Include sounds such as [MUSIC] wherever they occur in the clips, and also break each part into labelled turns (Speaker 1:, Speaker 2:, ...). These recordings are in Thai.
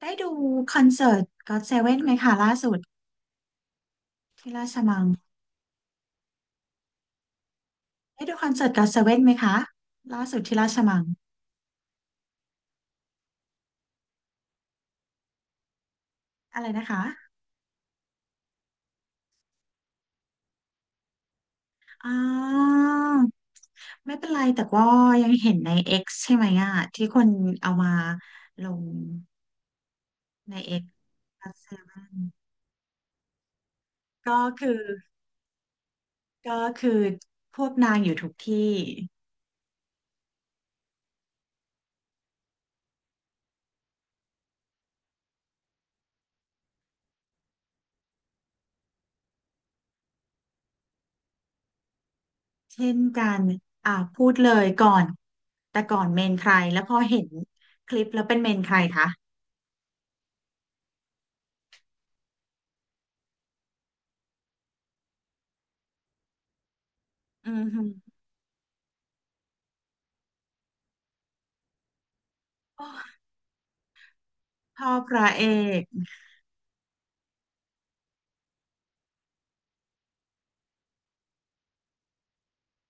Speaker 1: ได้ดูคอนเสิร์ตก็อตเซเว่นไหมคะล่าสุดที่ราชมังได้ดูคอนเสิร์ตก็อตเซเว่นไหมคะล่าสุดที่ราชมังอะไรนะคะอ่าไม่เป็นไรแต่ว่ายังเห็นใน X ใช่ไหมอ่ะที่คนเอามาลงใน X ก็อตเซเว่นก็คือก็คือพวกนางอยู่ทุกที่เช่นกันพูดเลยก่อนแต่ก่อนเมนใครแล้วพอเห็นคลิปแล้วเป็นเมนใครคะอือฮึ ชอบพระเอก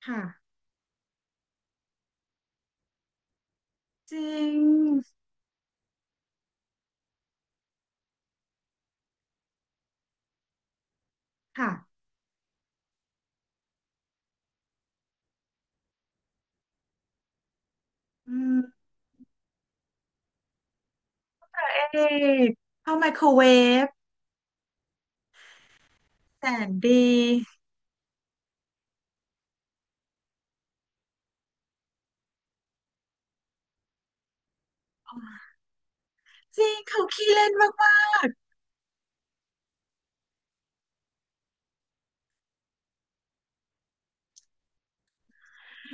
Speaker 1: ค่ะจริงค่ะอืมพระเอกเข้าไมโครเวฟแสนดีจริงเขาขี้เล่นมาก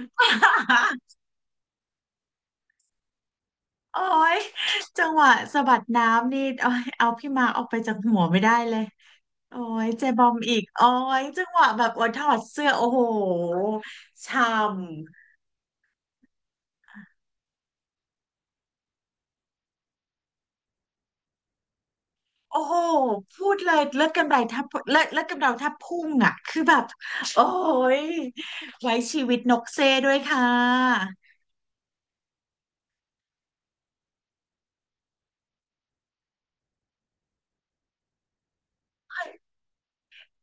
Speaker 1: ๆ [LAUGHS] โอ้ยจังหวะสะบัดน้ำนี่โอ้ยเอาพี่มาร์คออกไปจากหัวไม่ได้เลยโอ้ยเจบอมอีกโอ้ยจังหวะแบบโอ้ยถอดเสื้อโอ้โหช่ำ โอ้โหพูดเลยเลิอดกำไดแทบเลิอดเลืดกำเดาแทบพุ่งอ่ะคือแบบโอ้ยไว้ชีวิตนกเซด้วยค่ะ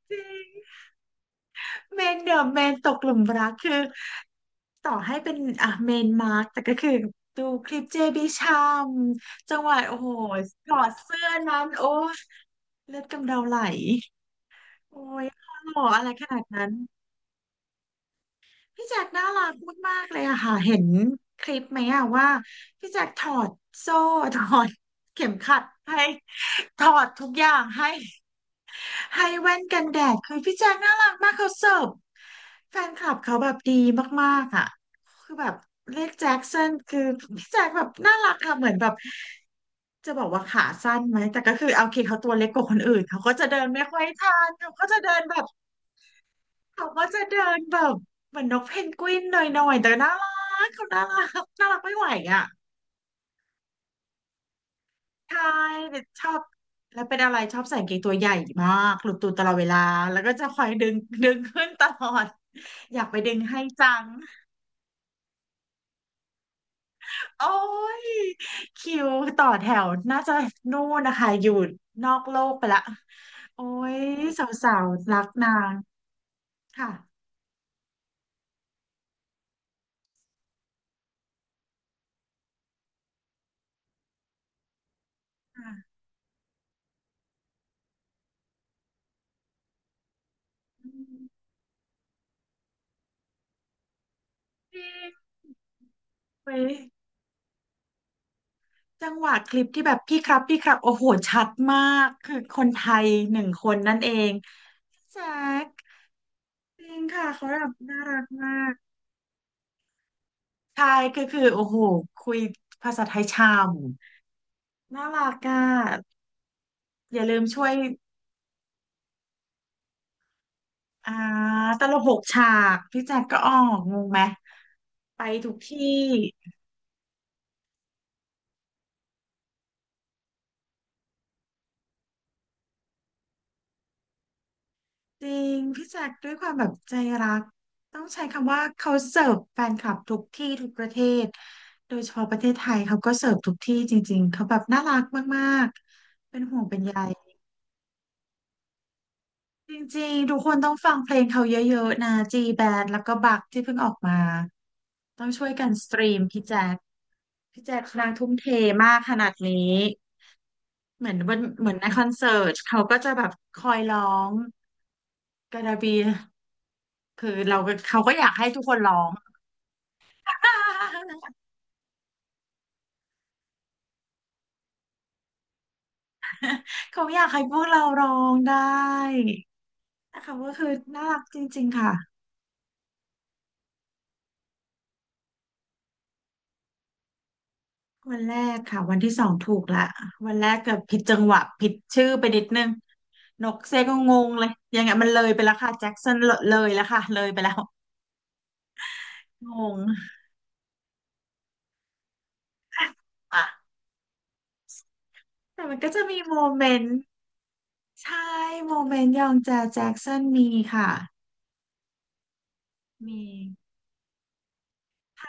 Speaker 1: จริงเมนเดอะเมนตกหลุมรักคือต่อให้เป็นอ่ะเมนมาร์กแต่ก็คือดูคลิปเจบิชามจังหวะโอ้โหถอดเสื้อนั้นโอ้ยเลือดกำเดาไหลโอ้ยหล่ออะไรขนาดนั้น พี่แจ็คน่ารักมากๆเลยอะค่ะเห็นคลิปไหมอะว่าพี่แจ็คถอดโซ่ถอดเข็มขัดให้ถอดทุกอย่างให้ให้แว่นกันแดดคือพี่แจ็คน่ารักมากเขาเสิร์ฟแฟนคลับเขาแบบดีมากๆอะคือแบบเรียกแจ็คสันคือพี่แจ็คแบบน่ารักค่ะเหมือนแบบจะบอกว่าขาสั้นไหมแต่ก็คือเอาโอเคเขาตัวเล็กกว่าคนอื่นเขาก็จะเดินไม่ค่อยทันเขาก็จะเดินแบบ เขาก็จะเดินแบบเหมือนนกเพนกวินหน่อยๆแต่น่ารักเขาน่ารักน่ารักไม่ไหวอ่ะใช่ชอบแล้วเป็นอะไรชอบใส่กางเกงตัวใหญ่มากหลุดตูดตลอดเวลาแล้วก็จะคอยดึงดึงขึ้นตลอดอยากไปดึงให้จังโอ้ยคิวต่อแถวน่าจะนู่นนะคะอยู่นอกโลกไปละโอ้ยสาวๆรักนางค่ะค่ะอืมจริงเว้ย จังหวะคลิปที่แบบพี่ครับพี่ครับโอ้โหชัดมากคือคนไทยหนึ่งคนนั่นเองแซกจริงค่ะเขาแบบน่ารักมากใช่คือคือโอ้โหคุยภาษาไทยชามน่ารักอ่ะอย่าลืมช่วยอ่าตลกหกฉากพี่แจ็คก็ออกงงไหมไปทุกที่ จริงพี่แจ็คด้วยความแบบใจรักต้องใช้คำว่าเขาเสิร์ฟแฟนคลับทุกที่ทุกประเทศโดยเฉพาะประเทศไทยเขาก็เสิร์ฟทุกที่จริงๆเขาแบบน่ารักมากๆเป็นห่วงเป็นใยจริงๆทุกคนต้องฟังเพลงเขาเยอะๆนะจีแบนด์แล้วก็บักที่เพิ่งออกมาต้องช่วยกันสตรีมพี่แจ็คพี่แจ็คนางทุ่มเทมากขนาดนี้เหมือนวันเหมือนในคอนเสิร์ตเขาก็จะแบบคอยร้องกระดาบี คือเราก็เขาก็อยากให้ทุกคนร้อง [LAUGHS] เขาอยากให้พวกเราร้องได้นะคะก็คือน่ารักจริงๆค่ะวันแรกค่ะวันที่สองถูกละวันแรกเกือบผิดจังหวะผิดชื่อไปนิดนึงนกเซก็งงเลยยังไงมันเลยไปแล้วค่ะแจ็คสันเลยแล้วค่ะเลยไปแล้วงงอ่ะแต่มันก็จะมีโมเมนต์ใช่โมเมนต์ยองแจแจ็คสันมีค่ะมี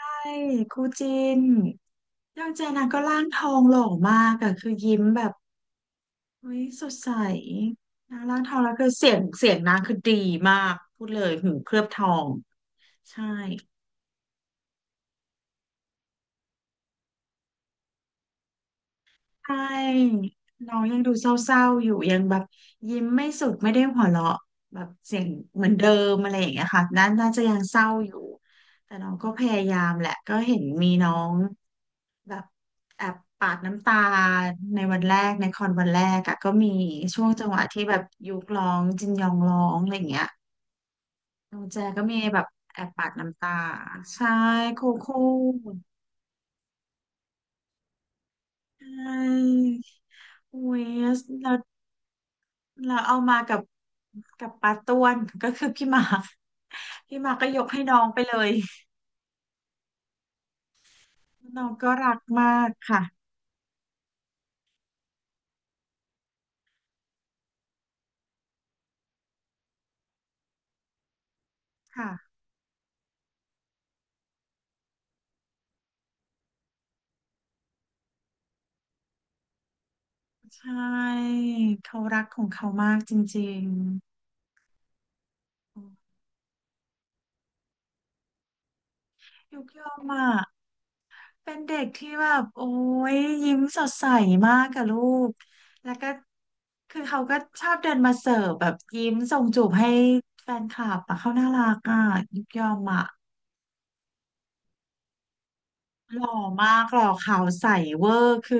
Speaker 1: ใช่ครูจินยองเจนะก็ร่างทองหล่อมากอะคือยิ้มแบบเฮ้ยสดใสนะร่างทองแล้วคือเสียงเสียงนางคือดีมากพูดเลยหูเคลือบทองใช่ใช่น้องยังดูเศร้าๆอยู่ยังแบบยิ้มไม่สุดไม่ได้หัวเราะแบบเสียงเหมือนเดิมอะไรอย่างเงี้ยค่ะน่าน่าจะยังเศร้าอยู่แต่น้องก็พยายามแหละก็เห็นมีน้อง แบบแอบปาดน้ำตาในวันแรกในคอนวันแรกอะก็มีช่วงจังหวะที่แบบยุกร้องจินยองร้องอะไรอย่างเงี้ยน้องแจก็มีแบบแอบปาดน้ำตาใช่คู่คู่ใช่อุ้ยแล้วเราเอามากับกับปาต้วนก็คือพี่หมา [LAUGHS] กพี่หมากก็ยกให้น้องไปเลยน้องก็รักมากค่ะค่ะใช่เขารักของเขามากจริงๆยุกยอมอ่ะ เป็นเด็กที่แบบโอ้ยยิ้มสดใสมากกับลูก แล้วก็คือเขาก็ชอบเดินมาเสิร์ฟแบบยิ้มส่งจูบให้แฟนคลับอะเขาน่ารักอ่ะยิบยอมอ่ะหล่อมากหล่อขาวใสเวอร์คือ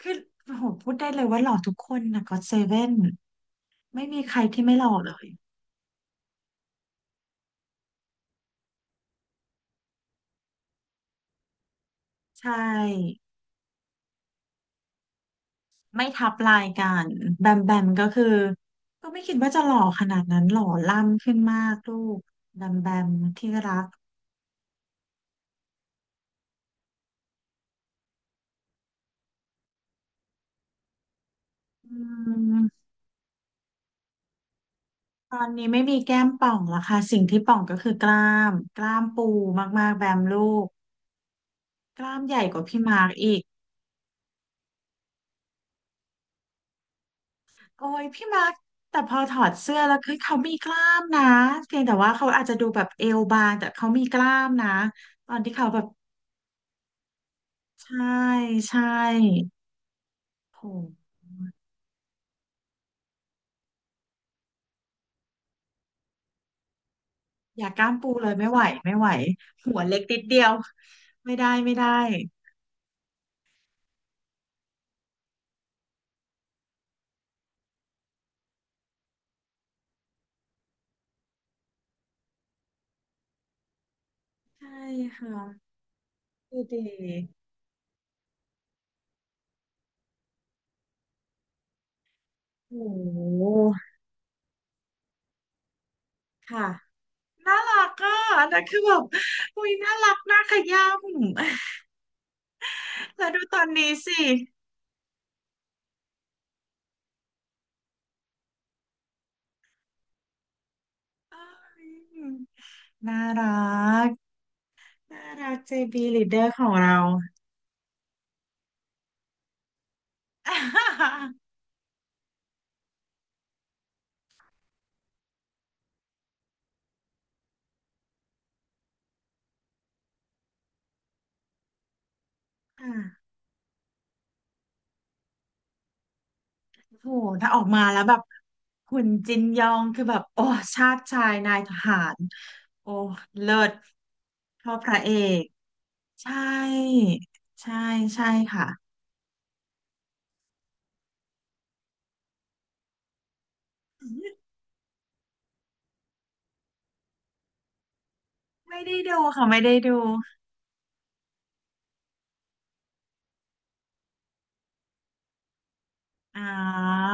Speaker 1: คือโอ้โหพูดได้เลยว่าหล่อทุกคนนะก็อตเซเว่นไม่มีใครที่ไม่หล่อเลยใช่ไม่ทับลายกันแบมแบมก็คือก็ไม่คิดว่าจะหล่อขนาดนั้นหล่อล่ำขึ้นมากลูกแบมแบมที่รัก อืมตอนนี้ไม่มีแก้มป่องแล้วค่ะสิ่งที่ป่องก็คือกล้ามกล้ามปูมากๆแบมลูกกล้ามใหญ่กว่าพี่มาร์กอีกโอ้ยพี่มาร์กแต่พอถอดเสื้อแล้วคือเขามีกล้ามนะเพียงแต่ว่าเขาอาจจะดูแบบเอวบางแต่เขามีกล้ามนะตอนที่เขาแบบใช่ใช่โหอย่ากล้ามปูเลยไม่ไหวไม่ไหวหัวเล็กนิดเดียวไม่ได้ไม่ได้ใช่ค่ะดูดีโอ้โหค่ะ น่ารักอ่ะอันนั้นคือแบบอุ้ยน่ารักน่าขย้ำ [LAUGHS] แล้วดูตอนนี้สิเอ้ยน่ารัก น่ารักเจ JB Leader ของเรา [LAUGHS] อ่ะโอ้โหถ้าออกมาแล้วแบบคุณจินยองคือแบบ โอ้ชาติชายนายทหารโอ้เลิศเท่าพระเอก ใช่ ใช่ใช่ค่ะ ไม่ได้ดูค่ะไม่ได้ดู อ่า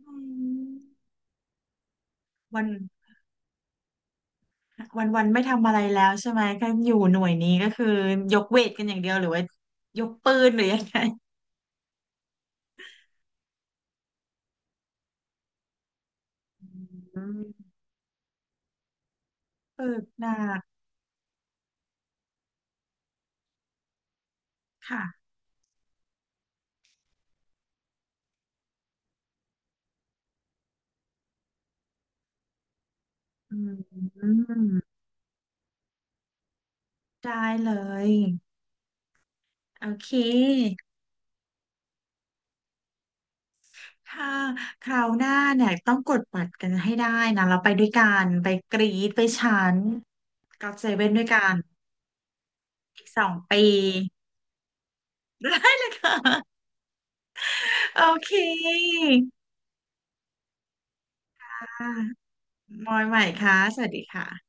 Speaker 1: อืมวัน วันวันไม่ทำอะไรแล้วใช่ไหมก็อยู่หน่วยนี้ก็คือยกเวทกันอย่างเดียวหรือว่ายกปืนหรือยังไงอืมฝึกหนักค่ะอืมได้เลยโอเคถ้าคราวหน้าเนี่ยต้องกดบัตรกันให้ได้นะเราไปด้วยกันไปกรีดไปชั้นก็อตเซเว่นด้วยกันอีก 2 ปีได้เลยค่ะโอเคอ่ะมอยใหม่ค่ะสวัสดีค่ะ